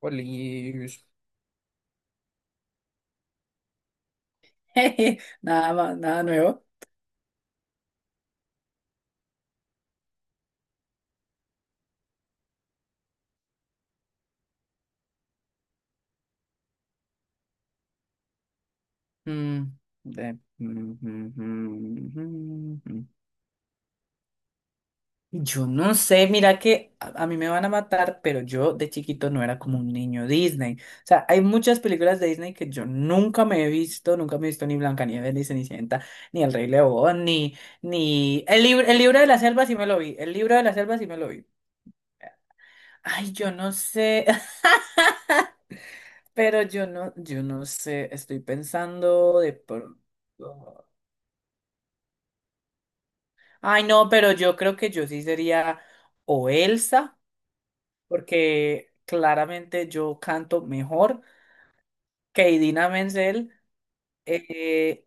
Olis. Nada más, nada nuevo. Mm, de- mm, mm, mm, mm, mm. Yo no sé, mira que a mí me van a matar, pero yo de chiquito no era como un niño Disney. O sea, hay muchas películas de Disney que yo nunca me he visto, nunca me he visto ni Blancanieves, ni Cenicienta, ni El Rey León, ni... el libro de la selva sí me lo vi, el libro de la selva sí me lo vi. Ay, yo no sé. Pero yo no sé, estoy pensando de pronto. Ay, no, pero yo creo que yo sí sería o Elsa, porque claramente yo canto mejor que Idina Menzel. eh,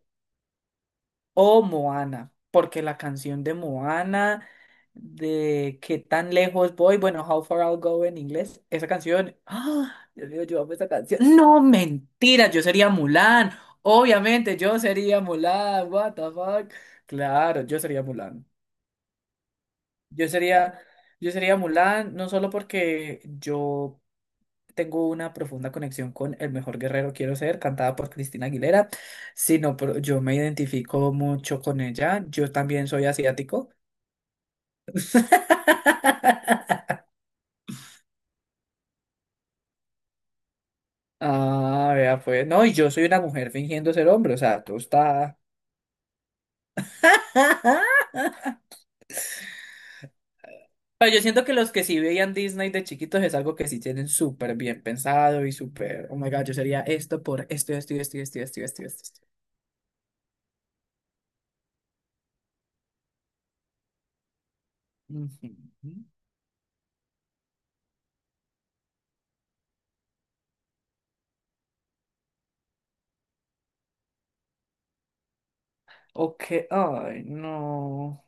o Moana, porque la canción de Moana, de qué tan lejos voy, bueno, How Far I'll Go en inglés, esa canción, ¡ah! Dios mío, yo amo esa canción. No, mentira, yo sería Mulan, obviamente, yo sería Mulan, what the fuck. Claro, yo sería Mulan. Yo sería, yo sería Mulan, no solo porque yo tengo una profunda conexión con El mejor guerrero quiero ser, cantada por Cristina Aguilera, sino pero yo me identifico mucho con ella. Yo también soy asiático. Ah, vea, pues, no, y yo soy una mujer fingiendo ser hombre, o sea, tú está. Pero yo siento que los que sí veían Disney de chiquitos es algo que sí tienen súper bien pensado y súper, oh my God, yo sería esto por esto, esto, esto, esto, esto, esto, esto, esto. Esto". Ujú. Ok, ay, no.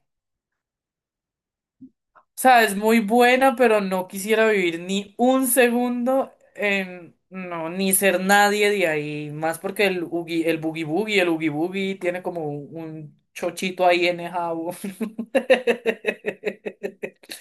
O sea, es muy buena, pero no quisiera vivir ni un segundo en... No, ni ser nadie de ahí. Más porque el Boogie Boogie, el Oogie Boogie tiene como un chochito ahí en el jabo.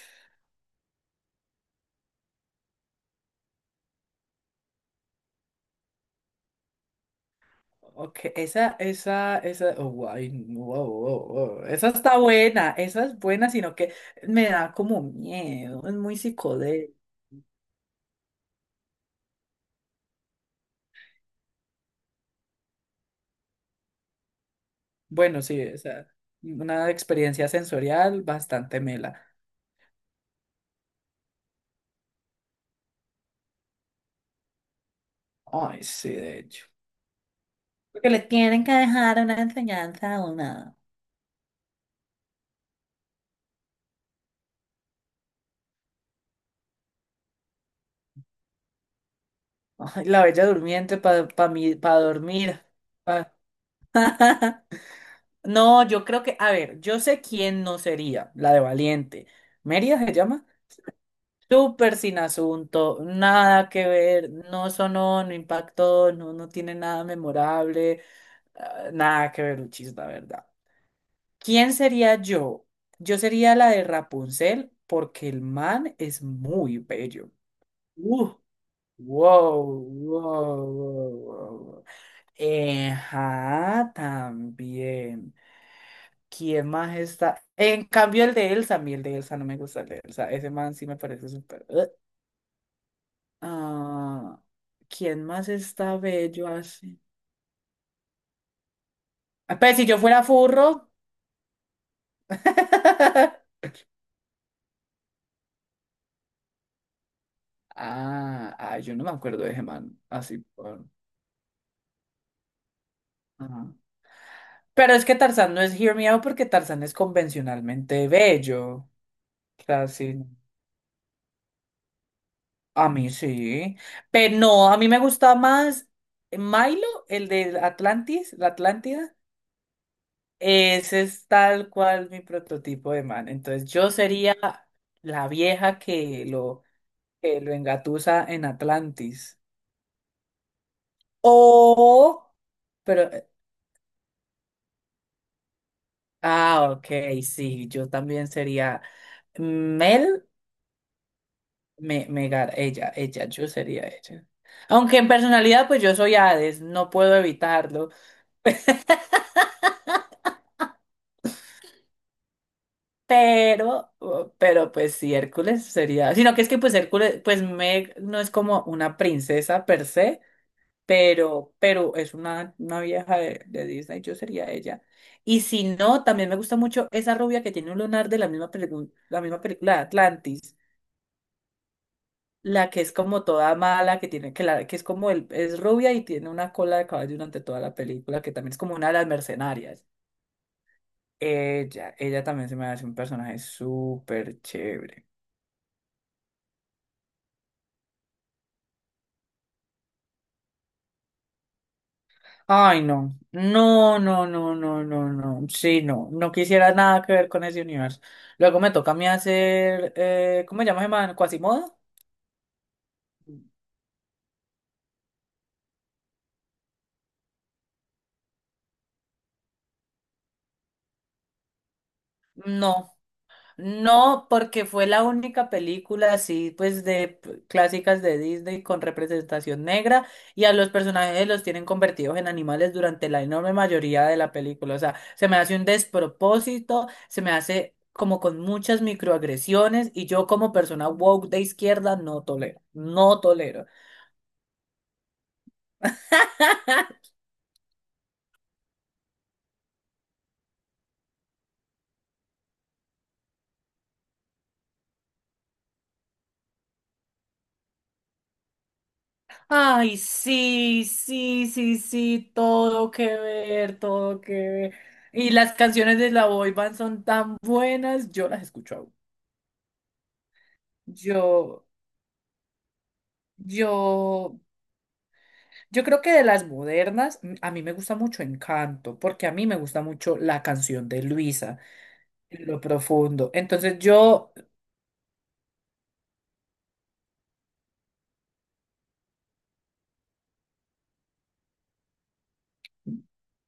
Ok, esa, oh, guay, wow. Esa está buena, esa es buena, sino que me da como miedo, es muy psicodélico. Bueno, sí, o sea una experiencia sensorial bastante mela. Ay, sí, de hecho. Porque le tienen que dejar una enseñanza a una. Ay, la Bella Durmiente para pa dormir. Pa- No, yo creo que, a ver, yo sé quién no sería, la de Valiente. Mérida se llama. Súper sin asunto, nada que ver, no sonó, no impactó, no tiene nada memorable, ah, nada que ver, Uchis, la verdad. ¿Quién sería yo? Yo sería la de Rapunzel porque el man es muy bello. Uh, wow, wow, wow, wow. Ajá, también. ¿Quién más está? En cambio, a mí el de Elsa no me gusta, el de Elsa. Ese man sí me parece súper. Ah, ¿quién más está bello así? Ah, pues si yo fuera furro. Yo no me acuerdo de ese man. Así por. Ajá. Pero es que Tarzán no es Hear Me Out porque Tarzán es convencionalmente bello. Casi. A mí sí. Pero no, a mí me gusta más Milo, el de Atlantis, la Atlántida. Ese es tal cual mi prototipo de man. Entonces yo sería la vieja que que lo engatusa en Atlantis. O, pero, eh, ok, sí, yo también sería Mel, Megar, ella, yo sería ella. Aunque en personalidad, pues yo soy Hades, no puedo evitarlo. Pero pues sí, Hércules sería, sino que es que pues Hércules, pues Meg no es como una princesa per se, pero es una vieja de Disney, yo sería ella. Y si no, también me gusta mucho esa rubia que tiene un lunar de la misma película de Atlantis, la que es como toda mala, que tiene, que la, que es como es rubia y tiene una cola de caballo durante toda la película, que también es como una de las mercenarias. Ella también se me hace un personaje súper chévere. Ay, no. No. Sí, no. No quisiera nada que ver con ese universo. Luego me toca a mí hacer, ¿cómo se llama ese man? ¿Quasimodo? No. No, porque fue la única película así, pues de p- clásicas de Disney con representación negra y a los personajes los tienen convertidos en animales durante la enorme mayoría de la película. O sea, se me hace un despropósito, se me hace como con muchas microagresiones y yo como persona woke de izquierda no tolero, no tolero. Ay, sí, sí, sí, sí, todo que ver, todo que ver. Y las canciones de la boy band son tan buenas, yo las escucho. Yo, yo, yo creo que de las modernas, a mí me gusta mucho Encanto, porque a mí me gusta mucho la canción de Luisa, en lo profundo. Entonces yo,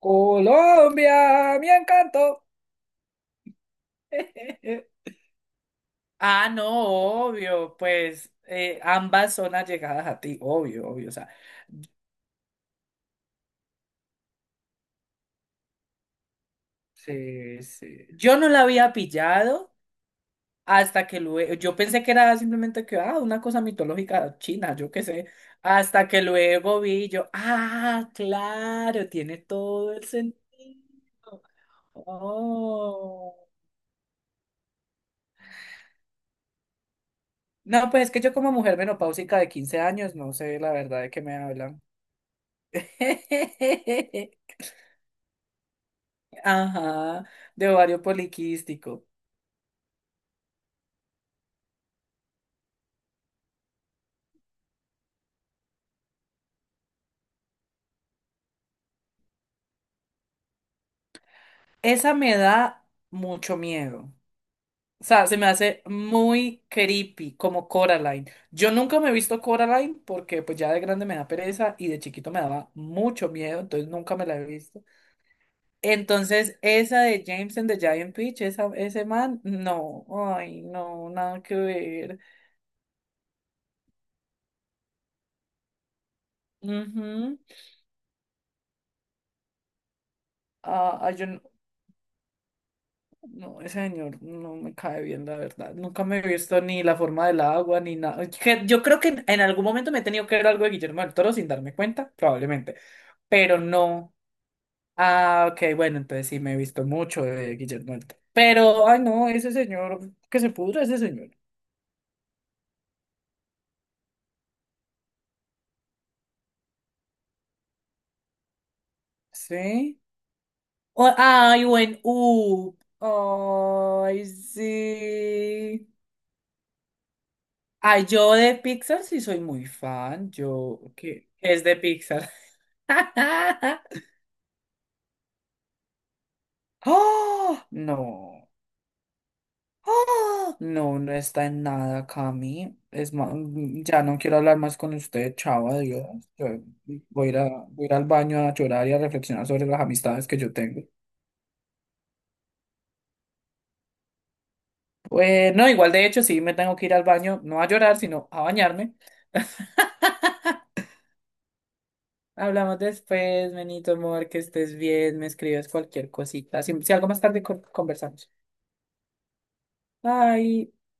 Colombia, mi encanto. Ah, no, obvio, pues ambas son allegadas a ti, obvio, obvio, o sea, sí, sí. Yo no la había pillado. Hasta que luego, yo pensé que era simplemente que, ah, una cosa mitológica china, yo qué sé. Hasta que luego vi y yo, ah, claro, tiene todo el sentido. Oh. No, pues es que yo como mujer menopáusica de 15 años, no sé la verdad de qué me hablan. Ajá, de ovario poliquístico. Esa me da mucho miedo. O sea, se me hace muy creepy, como Coraline. Yo nunca me he visto Coraline porque pues ya de grande me da pereza y de chiquito me daba mucho miedo, entonces nunca me la he visto. Entonces, esa de James and the Giant Peach, ese man, no, ay, no, nada que ver. Ujú. Ah, ah, yo no, No, ese señor no me cae bien, la verdad. Nunca me he visto ni la forma del agua, ni nada. Que yo creo que en algún momento me he tenido que ver algo de Guillermo del Toro sin darme cuenta, probablemente, pero no. Ah, ok, bueno, entonces sí me he visto mucho de Guillermo del Toro. Pero, ay no, ese señor, que se pudra ese señor. Sí. Ay, buen U. Ay, sí. Ay, yo de Pixar sí soy muy fan. Yo, ¿qué? ¿Qué es de Pixar? ¡Oh! No. ¡Ah! No, no está en nada, Cami. Es ya no quiero hablar más con usted, chao, adiós. Yo voy a ir al baño a llorar y a reflexionar sobre las amistades que yo tengo. Bueno, igual de hecho, sí, me tengo que ir al baño, no a llorar, sino a bañarme. Hablamos después, Benito, amor, que estés bien, me escribes cualquier cosita. Si, si algo más tarde conversamos. Bye.